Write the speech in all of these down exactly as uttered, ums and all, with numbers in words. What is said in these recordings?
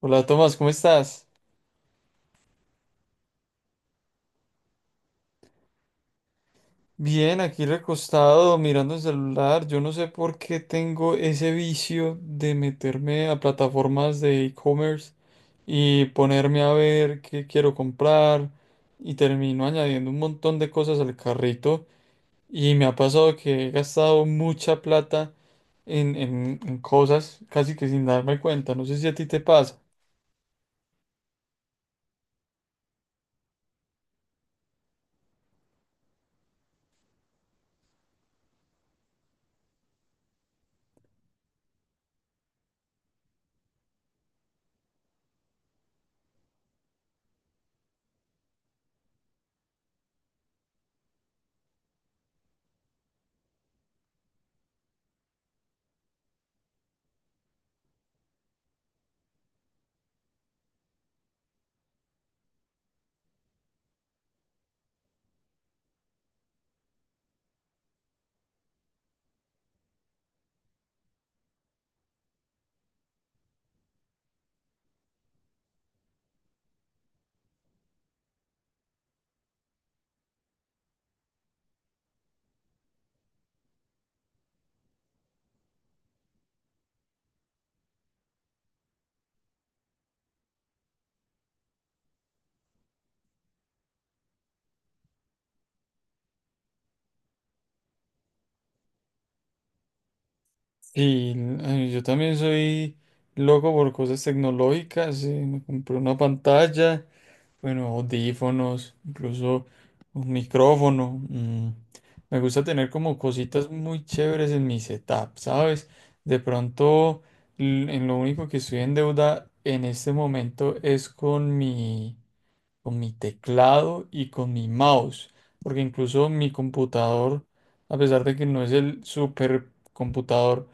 Hola Tomás, ¿cómo estás? Bien, aquí recostado mirando el celular. Yo no sé por qué tengo ese vicio de meterme a plataformas de e-commerce y ponerme a ver qué quiero comprar y termino añadiendo un montón de cosas al carrito y me ha pasado que he gastado mucha plata en, en- en cosas casi que sin darme cuenta. No sé si a ti te pasa. Y eh, yo también soy loco por cosas tecnológicas. eh, Me compré una pantalla. Bueno, audífonos, incluso un micrófono. mm, Me gusta tener como cositas muy chéveres en mi setup, ¿sabes? De pronto, l- en lo único que estoy en deuda en este momento es con mi con mi teclado y con mi mouse, porque incluso mi computador, a pesar de que no es el super computador,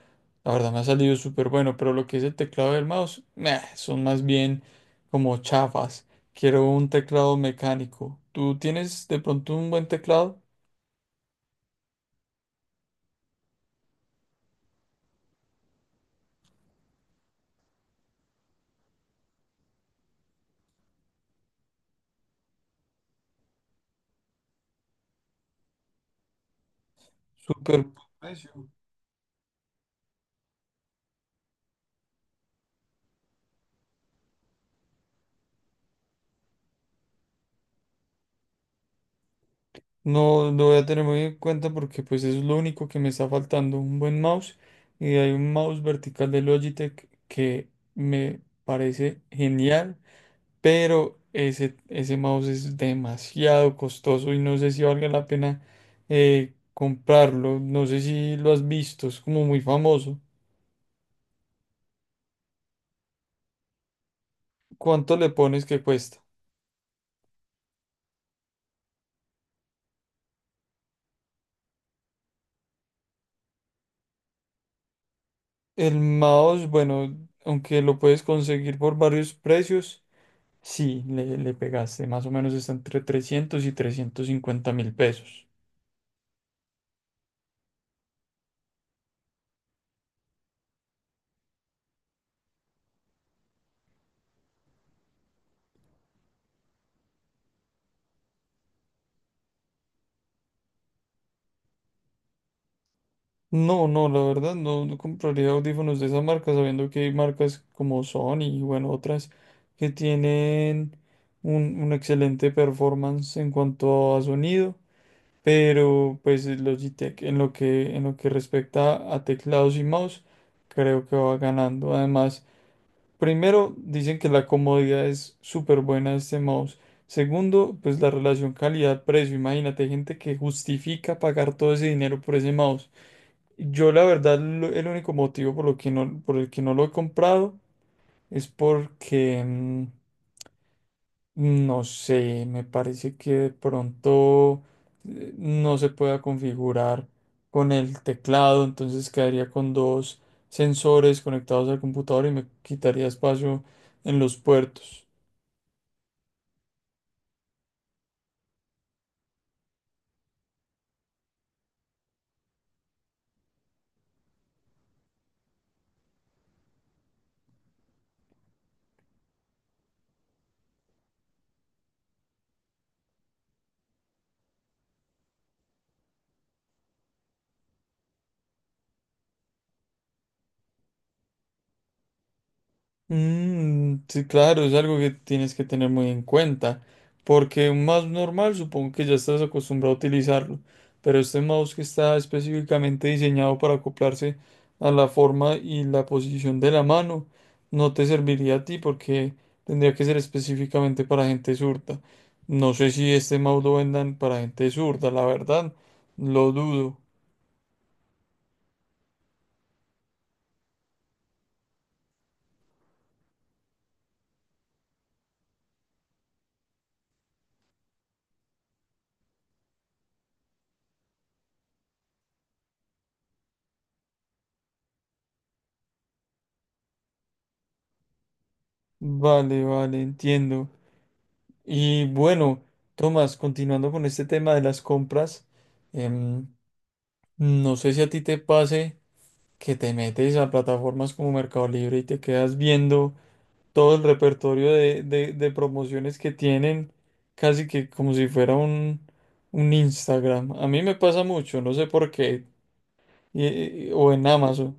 la verdad me ha salido súper bueno, pero lo que es el teclado y el mouse, meh, son más bien como chafas. Quiero un teclado mecánico. ¿Tú tienes de pronto un buen teclado? Súper, no lo voy a tener muy en cuenta porque pues es lo único que me está faltando, un buen mouse. Y hay un mouse vertical de Logitech que me parece genial, pero ese, ese mouse es demasiado costoso y no sé si valga la pena eh, comprarlo. No sé si lo has visto, es como muy famoso. ¿Cuánto le pones que cuesta? El mouse, bueno, aunque lo puedes conseguir por varios precios, sí, le, le pegaste. Más o menos está entre trescientos y trescientos cincuenta mil pesos. No, no, la verdad no, no compraría audífonos de esa marca, sabiendo que hay marcas como Sony y bueno, otras que tienen un, un excelente performance en cuanto a sonido, pero pues el Logitech en lo que, en lo que respecta a teclados y mouse, creo que va ganando. Además, primero, dicen que la comodidad es súper buena de este mouse. Segundo, pues la relación calidad-precio. Imagínate, hay gente que justifica pagar todo ese dinero por ese mouse. Yo la verdad, lo- el único motivo por lo que no, por el que no lo he comprado es porque, mm, no sé, me parece que de pronto eh, no se pueda configurar con el teclado, entonces quedaría con dos sensores conectados al computador y me quitaría espacio en los puertos. Mm, sí, claro, es algo que tienes que tener muy en cuenta, porque un mouse normal supongo que ya estás acostumbrado a utilizarlo, pero este mouse que está específicamente diseñado para acoplarse a la forma y la posición de la mano, no te serviría a ti porque tendría que ser específicamente para gente zurda. No sé si este mouse lo vendan para gente zurda, la verdad, lo dudo. Vale, vale, entiendo. Y bueno, Tomás, continuando con este tema de las compras, em, no sé si a ti te pase que te metes a plataformas como Mercado Libre y te quedas viendo todo el repertorio de, de- de promociones que tienen, casi que como si fuera un, un Instagram. A mí me pasa mucho, no sé por qué, y- y- o en Amazon.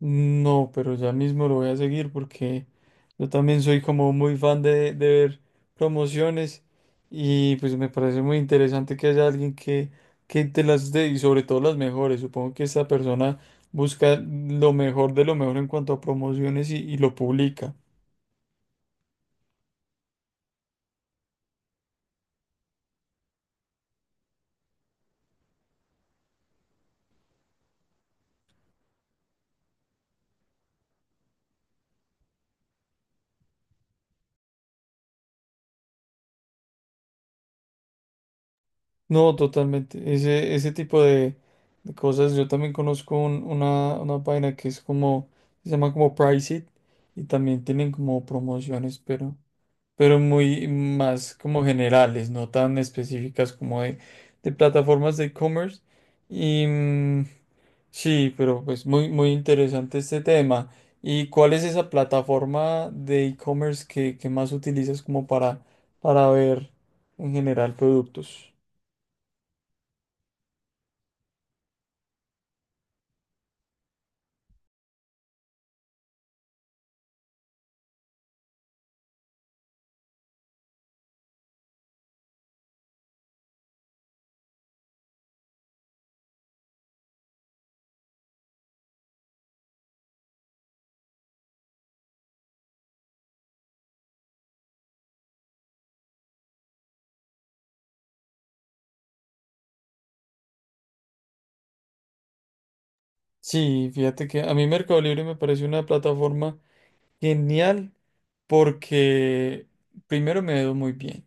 No, pero ya mismo lo voy a seguir porque... Yo también soy como muy fan de, de ver promociones y pues me parece muy interesante que haya alguien que, que, te las dé y sobre todo las mejores. Supongo que esta persona busca lo mejor de lo mejor en cuanto a promociones y, y lo publica. No, totalmente. Ese, ese tipo de, de cosas. Yo también conozco un- una, una página que es como, se llama como Priceit y también tienen como promociones, pero... pero muy más como generales, no tan específicas como de, de plataformas de e-commerce. Y mm, sí, pero pues muy, muy interesante este tema. ¿Y cuál es esa plataforma de e-commerce que, que más utilizas como para, para ver en general productos? Sí, fíjate que a mí Mercado Libre me parece una plataforma genial porque primero me ha ido muy bien.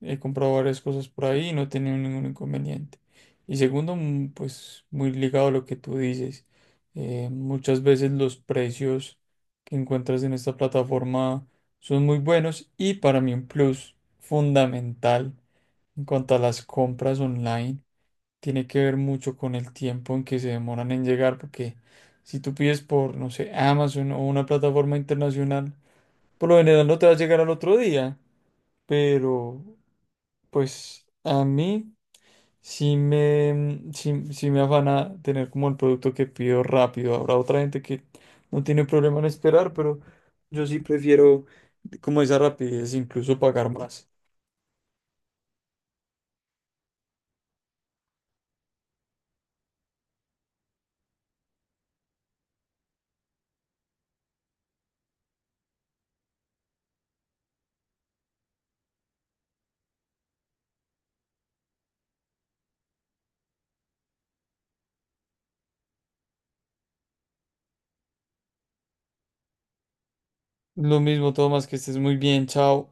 He comprado varias cosas por ahí y no he tenido ningún inconveniente. Y segundo, mm, pues muy ligado a lo que tú dices. eh, muchas veces los precios que encuentras en esta plataforma son muy buenos y para mí un plus fundamental en cuanto a las compras online tiene que ver mucho con el tiempo en que se demoran en llegar porque si tú pides por, no sé, Amazon o una plataforma internacional, por lo general no te va a llegar al otro día, pero pues a mí sí me, mm, sí, sí me afana tener como el producto que pido rápido. Habrá otra gente que no tiene problema en esperar, pero yo sí prefiero como esa rapidez, incluso pagar más. Lo mismo, Tomás, que estés muy bien, chao.